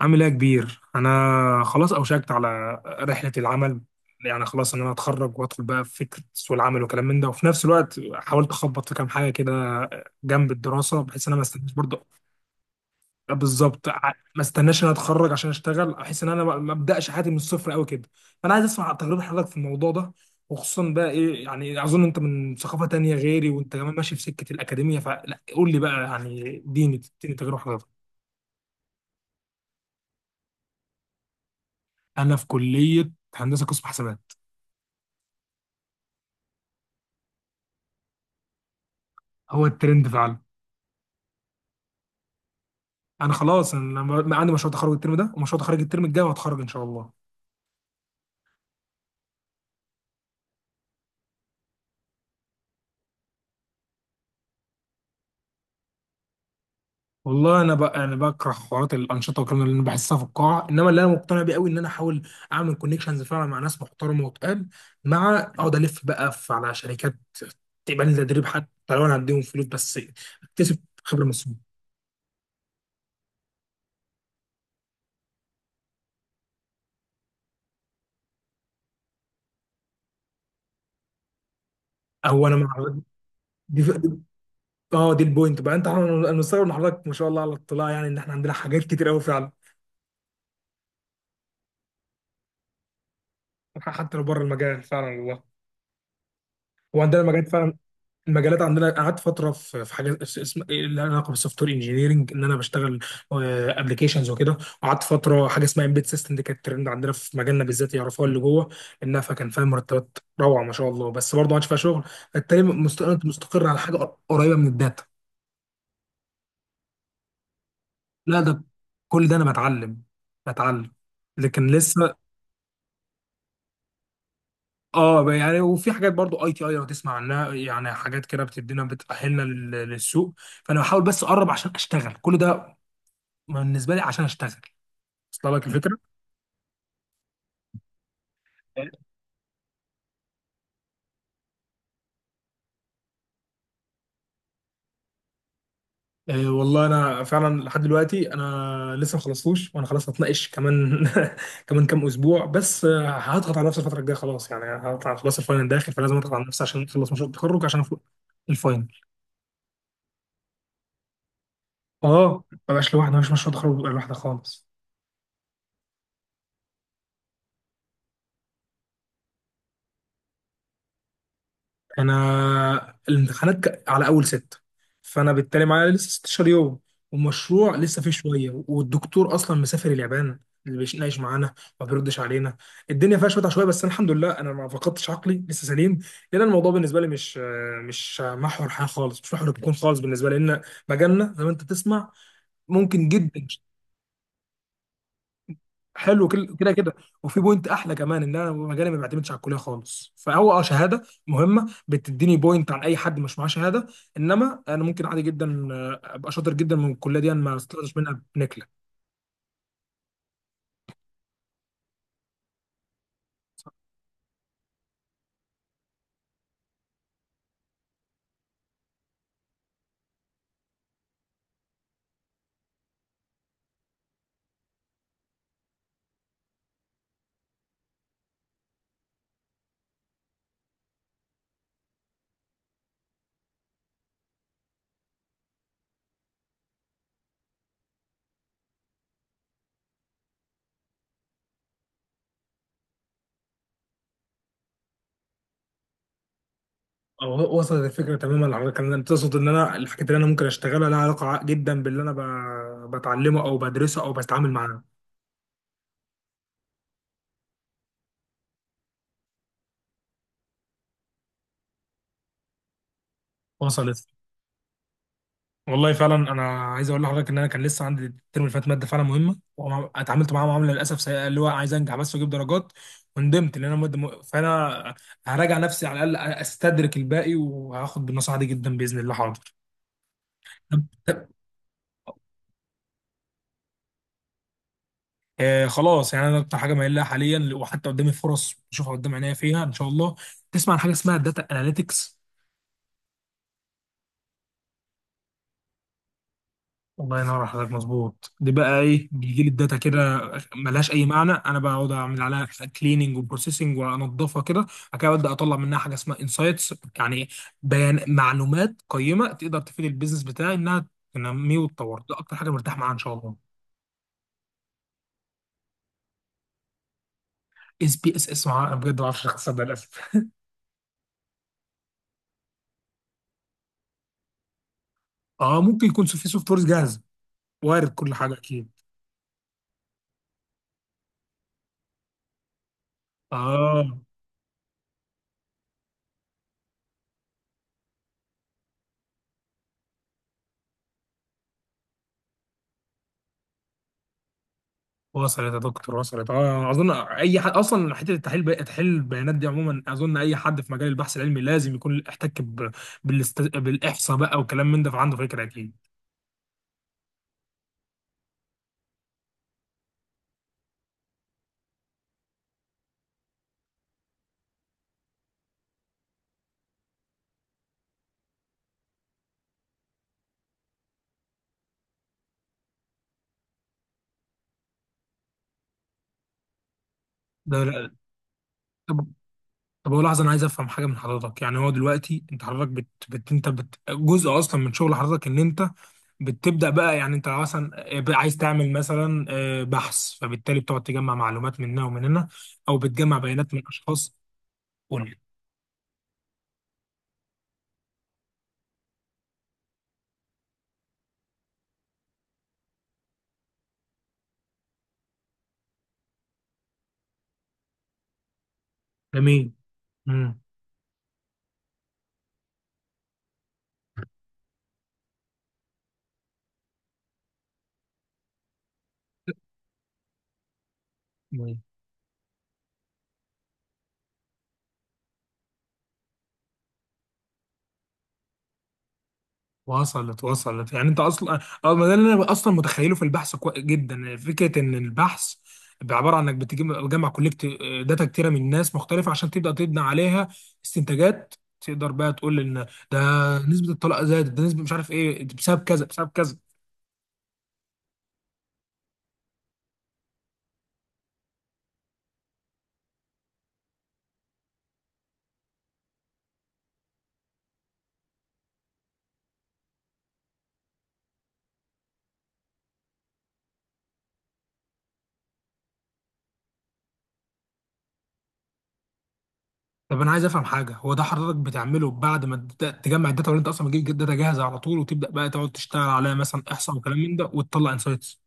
عامل ايه يا كبير؟ انا خلاص اوشكت على رحله العمل. يعني خلاص ان انا اتخرج وادخل بقى في فكره سوق العمل وكلام من ده، وفي نفس الوقت حاولت اخبط في كام حاجه كده جنب الدراسه، بحيث ان انا ما استناش برضه. بالظبط، ما استناش ان انا اتخرج عشان اشتغل، احس ان انا ما ابداش حياتي من الصفر قوي كده. فانا عايز اسمع تجربه حضرتك في الموضوع ده، وخصوصا بقى ايه يعني، اظن انت من ثقافه تانية غيري وانت كمان ماشي في سكه الاكاديميه، فلا قول لي بقى يعني اديني اديني تجربه حضرتك. انا في كليه هندسه قسم حسابات. هو الترند فعلا. انا خلاص، عندي مشروع تخرج الترم ده ومشروع تخرج الترم الجاي وهتخرج ان شاء الله. والله انا بقى انا بكره حوارات الانشطه والكلام اللي انا بحسها في القاعه، انما اللي انا مقتنع بيه قوي ان انا احاول اعمل كونكشنز فعلا مع ناس محترمه وتقال، مع اقعد الف بقى على شركات تقبل لي تدريب، حتى لو انا هديهم فلوس بس. اكتسب خبره من السوق. هو انا مع. دي ف- دي- اه دي البوينت بقى، انت انا مستغرب من حضرتك، ما شاء الله على الاطلاع، يعني ان احنا عندنا حاجات كتير قوي فعلا. حتى لو بره المجال فعلا، والله. هو عندنا مجال فعلا. المجالات عندنا قعدت فتره في حاجه اسم اللي لها علاقه بالسوفت وير انجينيرنج، ان انا بشتغل ابلكيشنز وكده. وقعدت فتره حاجه اسمها امبيد سيستم، دي كانت ترند عندنا في مجالنا بالذات يعرفوها اللي جوه انها، فكان فيها مرتبات روعه ما شاء الله، بس برضه ما عادش فيها شغل. فبالتالي، أنت مستقر على حاجه قريبه من الداتا. لا ده كل ده انا بتعلم، بتعلم لكن لسه. اه يعني، وفي حاجات برضو ITI لو تسمع عنها يعني، حاجات كده بتدينا بتأهلنا للسوق. فانا بحاول بس اقرب عشان اشتغل كل ده، ما بالنسبه لي عشان اشتغل. وصل لك الفكره؟ إيه؟ إيه والله انا فعلا لحد دلوقتي انا لسه ما خلصتوش، وانا خلاص هتناقش كمان كمان كام اسبوع بس. هضغط على نفسي الفتره الجايه، خلاص يعني هضغط على، خلاص الفاينل داخل فلازم اضغط على نفسي عشان اخلص مشروع التخرج عشان أفوق. الفاينل. اه، ما بقاش لوحدي، ما فيش مشروع تخرج بيبقى لوحدي خالص. انا الامتحانات على اول ستة، فانا بالتالي معايا لسه 16 يوم، والمشروع لسه فيه شويه، والدكتور اصلا مسافر اليابان. اللي بيناقش معانا ما بيردش علينا. الدنيا فيها شويه عشوائيه، بس أنا الحمد لله انا ما فقدتش عقلي، لسه سليم. لان الموضوع بالنسبه لي مش محور حياه خالص، مش محور الكون خالص بالنسبه لي، لان مجالنا زي ما انت تسمع ممكن جدا. حلو. كده كده، وفي بوينت احلى كمان، ان انا مجالي ما بيعتمدش على الكليه خالص، فهو شهاده مهمه بتديني بوينت عن اي حد مش معاه شهاده، انما انا ممكن عادي جدا ابقى شاطر جدا من الكليه دي، انا ما استفدتش منها بنكله. او وصلت الفكره تماما، على كان تقصد ان انا الحاجات اللي انا ممكن اشتغلها لها علاقه جدا باللي انا بتعلمه او بدرسه او بتعامل معاه. وصلت. والله فعلا، انا عايز اقول لحضرتك ان انا كان لسه عندي الترم اللي فات ماده فعلا مهمه، واتعاملت معاها معامله للاسف سيئه، اللي هو عايز انجح بس واجيب درجات. وندمت ان انا ماده فانا هراجع نفسي، على الاقل استدرك الباقي، وهاخد بالنصيحه دي جدا باذن الله. حاضر. طب، خلاص يعني، انا اكتر حاجه مايل لها حاليا، وحتى قدامي فرص بشوفها قدام عينيا فيها ان شاء الله. تسمع عن حاجه اسمها داتا اناليتكس؟ الله ينور على حضرتك، مظبوط. دي بقى ايه، بيجي لي الداتا كده ملهاش اي معنى، انا بقعد اعمل عليها كليننج وبروسيسنج وانضفها كده، بعد كده ابدا اطلع منها حاجه اسمها انسايتس، يعني بيان معلومات قيمه تقدر تفيد البيزنس بتاعي انها تنميه وتطور، ده اكتر حاجه مرتاح معاها ان شاء الله. SPSS، انا بجد ما اعرفش اختصار ده للاسف اه، ممكن يكون في سوفت ويرز جاهزه. وارد، كل حاجه اكيد. اه وصلت يا دكتور، وصلت. اه اظن اي حد اصلا حته التحليل تحليل البيانات دي عموما، اظن اي حد في مجال البحث العلمي لازم يكون احتك بالاحصاء بقى والكلام من ده، فعنده فكره اكيد. ده طب طب، هو لحظه، انا عايز افهم حاجه من حضرتك يعني. هو دلوقتي انت حضرتك جزء اصلا من شغل حضرتك ان انت بتبدا بقى يعني، انت مثلا بقى عايز تعمل مثلا بحث، فبالتالي بتقعد تجمع معلومات من هنا ومن هنا، او بتجمع بيانات من اشخاص. قول لي. جميل. امم وصلت وصلت، يعني انت اصلا، اه ما ده اللي انا اصلا متخيله في البحث جدا. فكره ان البحث بيبقى عباره عن انك بتجمع كولكت داتا كتيره من ناس مختلفه عشان تبدا تبني عليها استنتاجات، تقدر بقى تقول ان ده نسبه الطلاق زادت، ده نسبه مش عارف ايه، ده بسبب كذا بسبب كذا. طب انا عايز افهم حاجه، هو ده حضرتك بتعمله بعد ما تبدأ تجمع الداتا، ولا انت اصلا بتجيب داتا جاهزه على طول وتبدا بقى تقعد تشتغل عليها مثلا احصاء وكلام من ده وتطلع انسايتس؟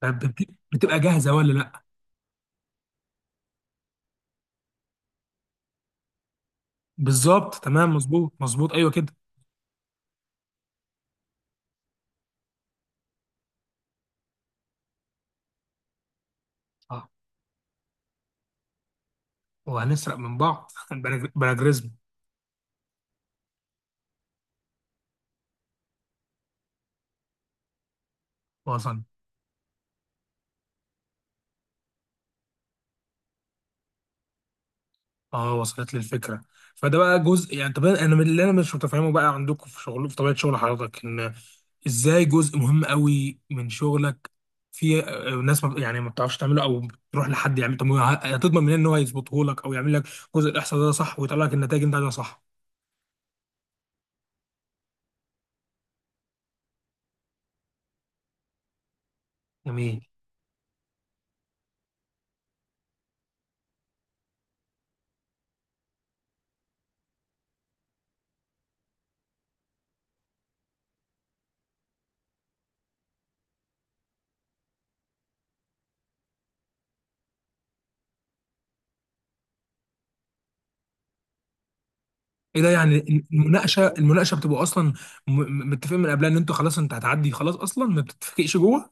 طب بتبقى جاهزه ولا لا؟ بالظبط، تمام، مظبوط مظبوط، ايوه كده. اه، وهنسرق من بعض بلا بلا جريزمو. وصل. اه وصلت لي الفكره. فده بقى جزء يعني. طب انا من اللي انا مش متفهمه بقى عندكم في شغل في طبيعه شغل حضرتك، ان ازاي جزء مهم قوي من شغلك في ناس ما يعني ما بتعرفش تعمله او بتروح لحد يعمل. طب هتضمن منين ان هو يظبطه لك، او يعمل لك جزء الاحصاء ده صح، ويطلع لك النتائج اللي انت عايزها صح؟ جميل. ايه ده يعني، المناقشه، المناقشه بتبقى اصلا متفقين من قبلها ان انتوا خلاص انت هتعدي، خلاص اصلا ما بتتفقش جوه؟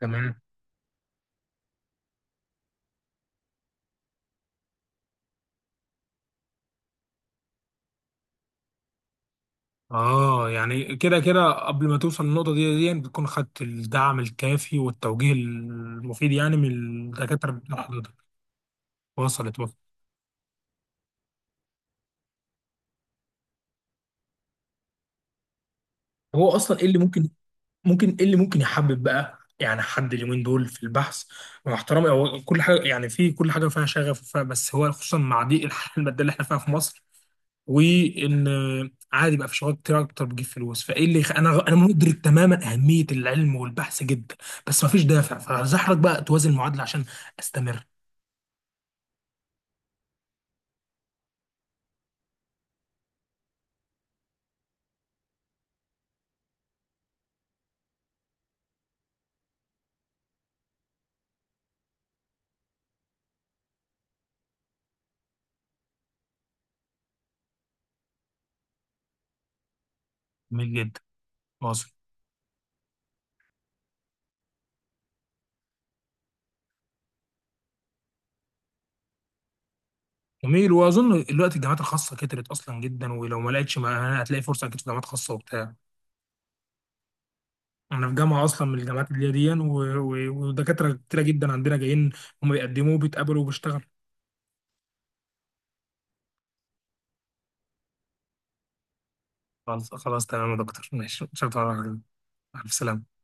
تمام. اه يعني كده كده، قبل ما توصل للنقطة دي بتكون خدت الدعم الكافي والتوجيه المفيد يعني من الدكاترة بتوع حضرتك. وصلت وصلت. هو اصلا ايه اللي ممكن ممكن ايه اللي ممكن يحبب بقى يعني حد اليومين دول في البحث؟ مع احترامي، هو كل حاجه يعني، في كل حاجه فيها شغف وفيها، بس هو خصوصا مع ضيق الحياه الماديه اللي احنا فيها في مصر، وان عادي بقى في شغلات كتير اكتر بتجيب فلوس، فايه اللي انا مدرك تماما اهميه العلم والبحث جدا. بس مفيش دافع فزحرك بقى توازن المعادله عشان استمر. جميل جدا. واظن. جميل، واظن دلوقتي الجامعات الخاصه كترت اصلا جدا، ولو ما لقيتش، ما هتلاقي فرصه اكيد في جامعات خاصه وبتاع. انا في جامعه اصلا من الجامعات اللي هي دي يعني، ودكاتره كتيره جدا عندنا جايين. هم بيقدموا وبيتقابلوا وبيشتغلوا. خلاص خلاص، تمام يا دكتور، ماشي، شكرا. على السلامه.